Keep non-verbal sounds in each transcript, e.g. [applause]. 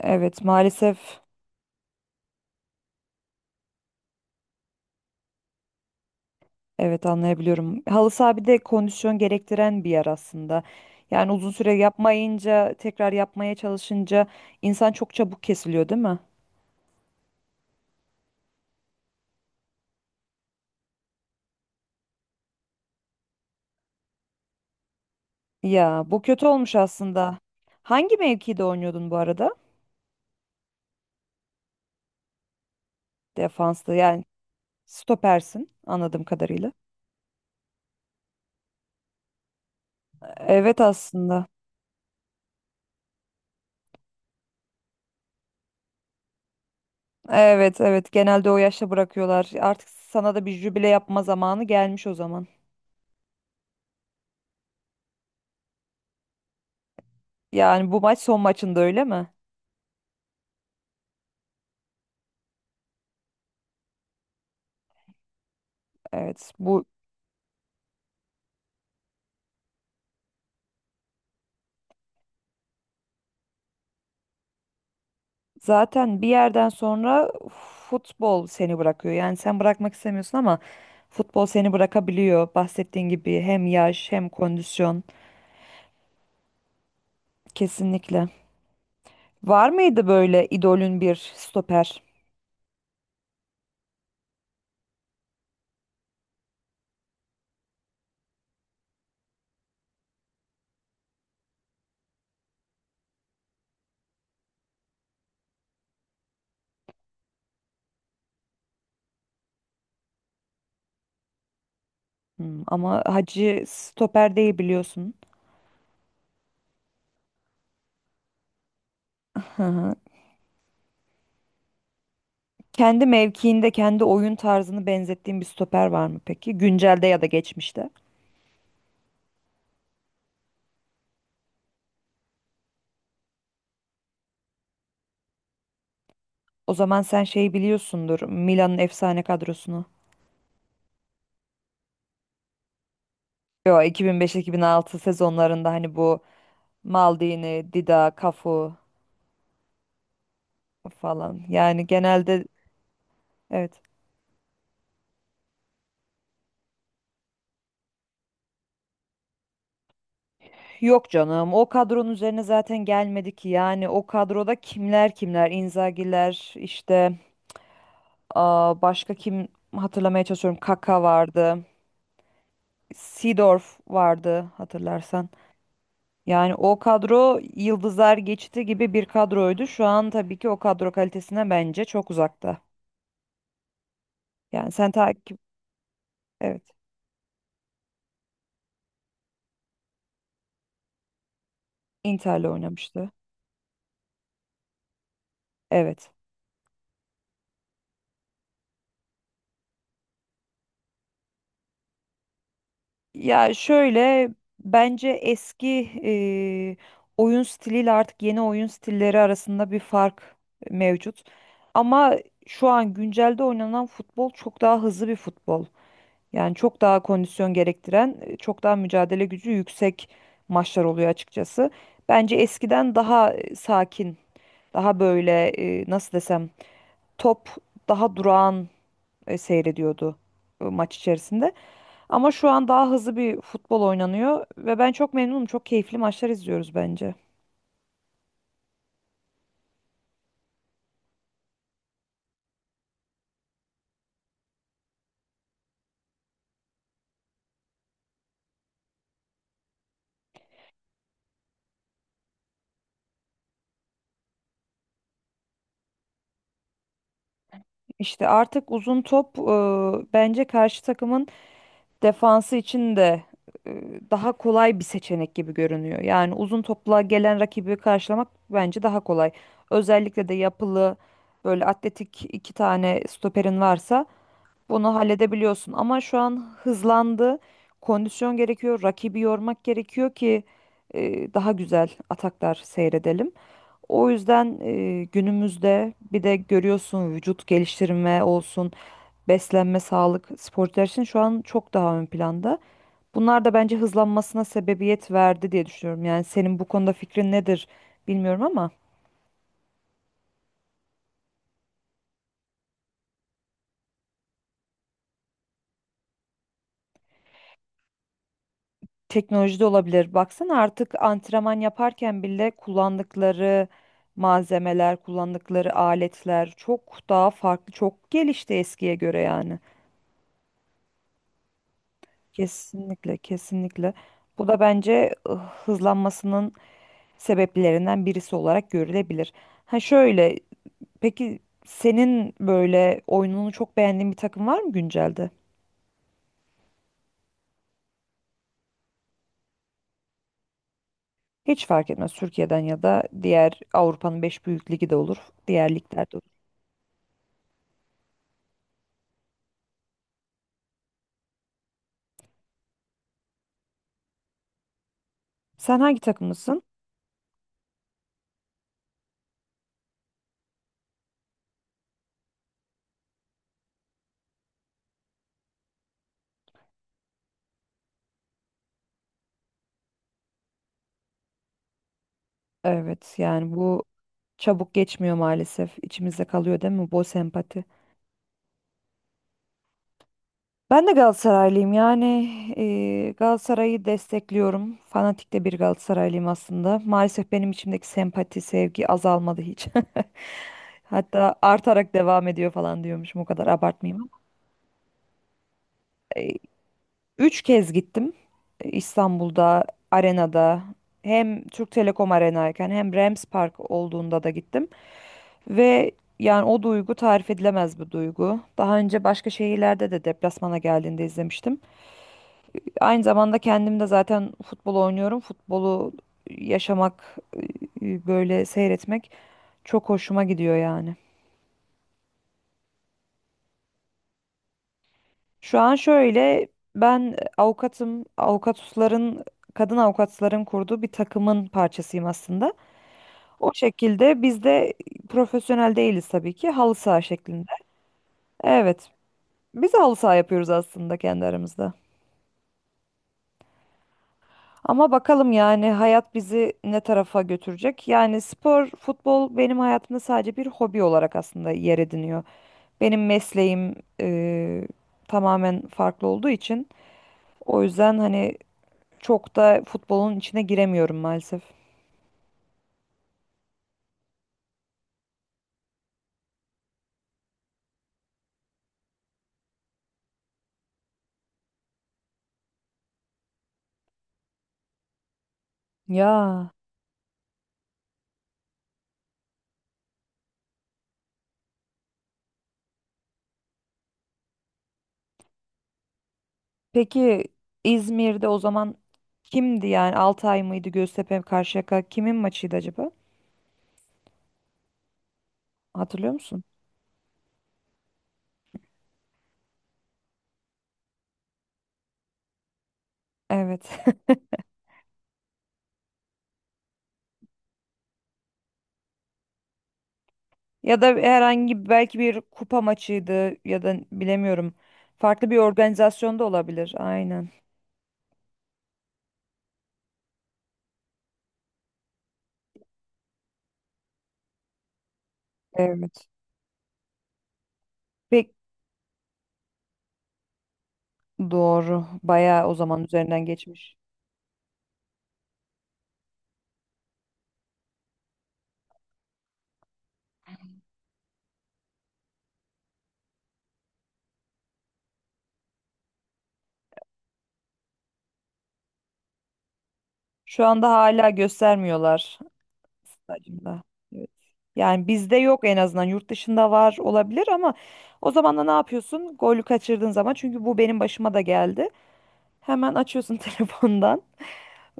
Evet maalesef evet anlayabiliyorum. Halı saha bir de kondisyon gerektiren bir yer aslında. Yani uzun süre yapmayınca tekrar yapmaya çalışınca insan çok çabuk kesiliyor değil mi? Ya bu kötü olmuş aslında. Hangi mevkide oynuyordun bu arada? Defansta yani stopersin anladığım kadarıyla. Evet aslında. Evet evet genelde o yaşta bırakıyorlar. Artık sana da bir jübile yapma zamanı gelmiş o zaman. Yani bu maç son maçında öyle mi? Evet. Zaten bir yerden sonra futbol seni bırakıyor. Yani sen bırakmak istemiyorsun ama futbol seni bırakabiliyor. Bahsettiğin gibi hem yaş hem kondisyon. Kesinlikle. Var mıydı böyle idolün bir stoper? Ama Hacı stoper değil biliyorsun. Hı hı. Kendi mevkiinde kendi oyun tarzını benzettiğin bir stoper var mı peki? Güncelde ya da geçmişte. O zaman sen şeyi biliyorsundur. Milan'ın efsane kadrosunu. Yo, 2005-2006 sezonlarında hani bu Maldini, Dida, Cafu falan. Yani genelde evet. Yok canım. O kadronun üzerine zaten gelmedi ki. Yani o kadroda kimler kimler? Inzaghi'ler işte, başka kim, hatırlamaya çalışıyorum. Kaka vardı. Seedorf vardı hatırlarsan. Yani o kadro yıldızlar geçti gibi bir kadroydu. Şu an tabii ki o kadro kalitesine bence çok uzakta. Yani sen takip Evet, Inter'le oynamıştı. Evet. Ya şöyle, bence eski eee, oyun stiliyle artık yeni oyun stilleri arasında bir fark mevcut. Ama şu an güncelde oynanan futbol çok daha hızlı bir futbol. Yani çok daha kondisyon gerektiren, çok daha mücadele gücü yüksek maçlar oluyor açıkçası. Bence eskiden daha sakin, daha böyle nasıl desem, top daha durağan seyrediyordu maç içerisinde. Ama şu an daha hızlı bir futbol oynanıyor ve ben çok memnunum. Çok keyifli maçlar izliyoruz bence. İşte artık uzun top bence karşı takımın defansı için de e, daha kolay bir seçenek gibi görünüyor. Yani uzun topla gelen rakibi karşılamak bence daha kolay. Özellikle de yapılı böyle atletik iki tane stoperin varsa bunu halledebiliyorsun. Ama şu an hızlandı. Kondisyon gerekiyor. Rakibi yormak gerekiyor ki daha güzel ataklar seyredelim. O yüzden günümüzde bir de görüyorsun, vücut geliştirme olsun, beslenme, sağlık, sporcular için şu an çok daha ön planda. Bunlar da bence hızlanmasına sebebiyet verdi diye düşünüyorum. Yani senin bu konuda fikrin nedir bilmiyorum ama teknoloji de olabilir. Baksana artık antrenman yaparken bile kullandıkları malzemeler, kullandıkları aletler çok daha farklı, çok gelişti eskiye göre yani. Kesinlikle, kesinlikle. Bu da bence hızlanmasının sebeplerinden birisi olarak görülebilir. Ha şöyle, peki senin böyle oyununu çok beğendiğin bir takım var mı güncelde? Hiç fark etmez. Türkiye'den ya da diğer Avrupa'nın 5 büyük ligi de olur. Diğer ligler de olur. Sen hangi takımlısın? Evet yani bu çabuk geçmiyor maalesef. İçimizde kalıyor değil mi bu sempati? Ben de Galatasaraylıyım yani Galatasaray'ı destekliyorum. Fanatik de bir Galatasaraylıyım aslında. Maalesef benim içimdeki sempati, sevgi azalmadı hiç. [laughs] Hatta artarak devam ediyor falan diyormuşum, o kadar abartmayayım ama. Üç kez gittim, İstanbul'da, arenada, hem Türk Telekom arenayken hem Rams Park olduğunda da gittim. Ve yani o duygu tarif edilemez bir duygu. Daha önce başka şehirlerde de deplasmana geldiğinde izlemiştim. Aynı zamanda kendim de zaten futbol oynuyorum. Futbolu yaşamak, böyle seyretmek çok hoşuma gidiyor yani. Şu an şöyle, ben avukatım, kadın avukatların kurduğu bir takımın parçasıyım aslında. O şekilde biz de profesyonel değiliz tabii ki, halı saha şeklinde. Evet, biz de halı saha yapıyoruz aslında kendi aramızda. Ama bakalım yani hayat bizi ne tarafa götürecek. Yani spor, futbol benim hayatımda sadece bir hobi olarak aslında yer ediniyor. Benim mesleğim eee, tamamen farklı olduğu için o yüzden hani çok da futbolun içine giremiyorum maalesef. Ya peki, İzmir'de o zaman kimdi yani, Altay mıydı, Göztepe, Karşıyaka, kimin maçıydı acaba? Hatırlıyor musun? Evet. [laughs] Ya da belki bir kupa maçıydı ya da bilemiyorum. Farklı bir organizasyonda olabilir. Aynen. Evet. Pek doğru. Bayağı o zaman üzerinden geçmiş. Şu anda hala göstermiyorlar stadyumda. Evet. Yani bizde yok en azından. Yurt dışında var olabilir ama o zaman da ne yapıyorsun? Golü kaçırdığın zaman, çünkü bu benim başıma da geldi. Hemen açıyorsun [laughs] telefondan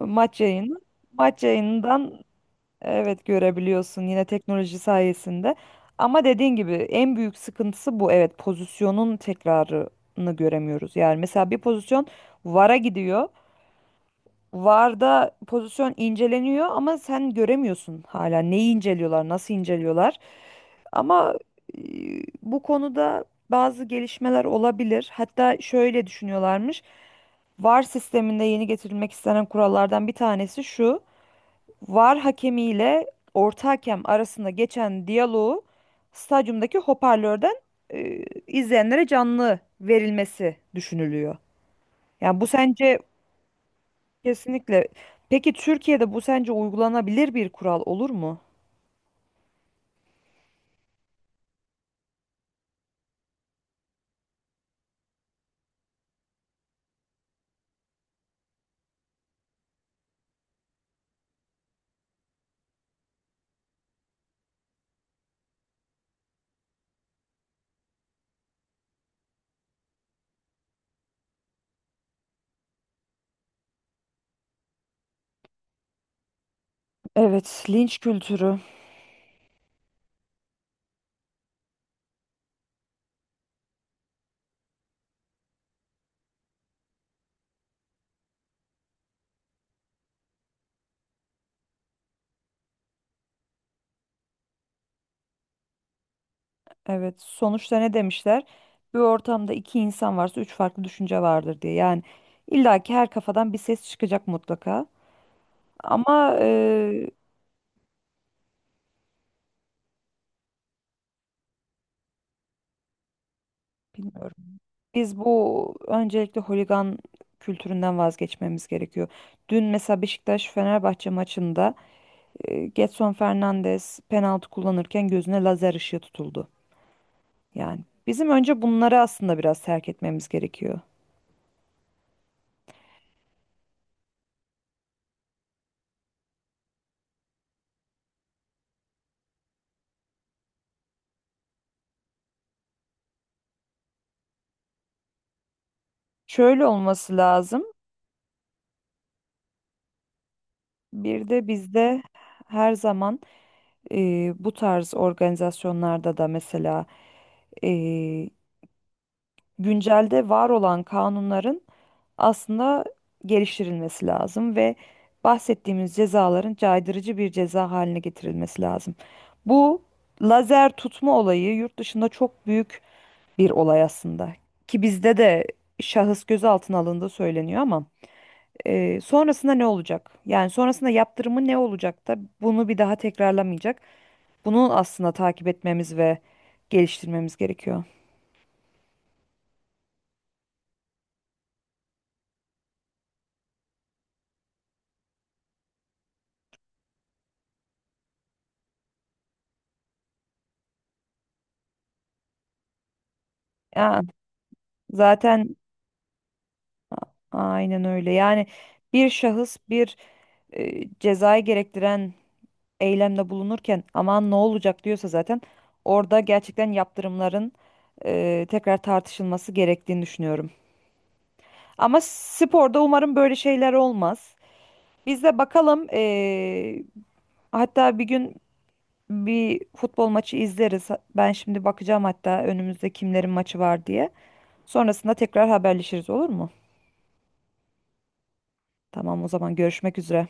maç yayını. Maç yayınından, evet, görebiliyorsun yine teknoloji sayesinde. Ama dediğin gibi en büyük sıkıntısı bu. Evet, pozisyonun tekrarını göremiyoruz. Yani mesela bir pozisyon VAR'a gidiyor. VAR'da pozisyon inceleniyor ama sen göremiyorsun hala neyi inceliyorlar, nasıl inceliyorlar. Ama e, bu konuda bazı gelişmeler olabilir. Hatta şöyle düşünüyorlarmış. VAR sisteminde yeni getirilmek istenen kurallardan bir tanesi şu. VAR hakemiyle orta hakem arasında geçen diyaloğu stadyumdaki hoparlörden izleyenlere canlı verilmesi düşünülüyor. Yani bu sence? Kesinlikle. Peki Türkiye'de bu sence uygulanabilir bir kural olur mu? Evet, linç kültürü. Evet, sonuçta ne demişler? Bir ortamda iki insan varsa üç farklı düşünce vardır diye. Yani illaki her kafadan bir ses çıkacak mutlaka. Ama bilmiyorum. Biz bu öncelikle holigan kültüründen vazgeçmemiz gerekiyor. Dün mesela Beşiktaş-Fenerbahçe maçında Gedson Fernandes penaltı kullanırken gözüne lazer ışığı tutuldu. Yani bizim önce bunları aslında biraz terk etmemiz gerekiyor. Şöyle olması lazım. Bir de bizde her zaman bu tarz organizasyonlarda da mesela e, güncelde var olan kanunların aslında geliştirilmesi lazım ve bahsettiğimiz cezaların caydırıcı bir ceza haline getirilmesi lazım. Bu lazer tutma olayı yurt dışında çok büyük bir olay aslında. Ki bizde de şahıs gözaltına alındığı söyleniyor ama sonrasında ne olacak? Yani sonrasında yaptırımı ne olacak da bunu bir daha tekrarlamayacak. Bunu aslında takip etmemiz ve geliştirmemiz gerekiyor. Ya, zaten Aynen öyle. Yani bir şahıs bir cezayı gerektiren eylemde bulunurken aman ne olacak diyorsa zaten orada gerçekten yaptırımların tekrar tartışılması gerektiğini düşünüyorum. Ama sporda umarım böyle şeyler olmaz. Biz de bakalım, hatta bir gün bir futbol maçı izleriz. Ben şimdi bakacağım hatta önümüzde kimlerin maçı var diye. Sonrasında tekrar haberleşiriz, olur mu? Tamam, o zaman görüşmek üzere.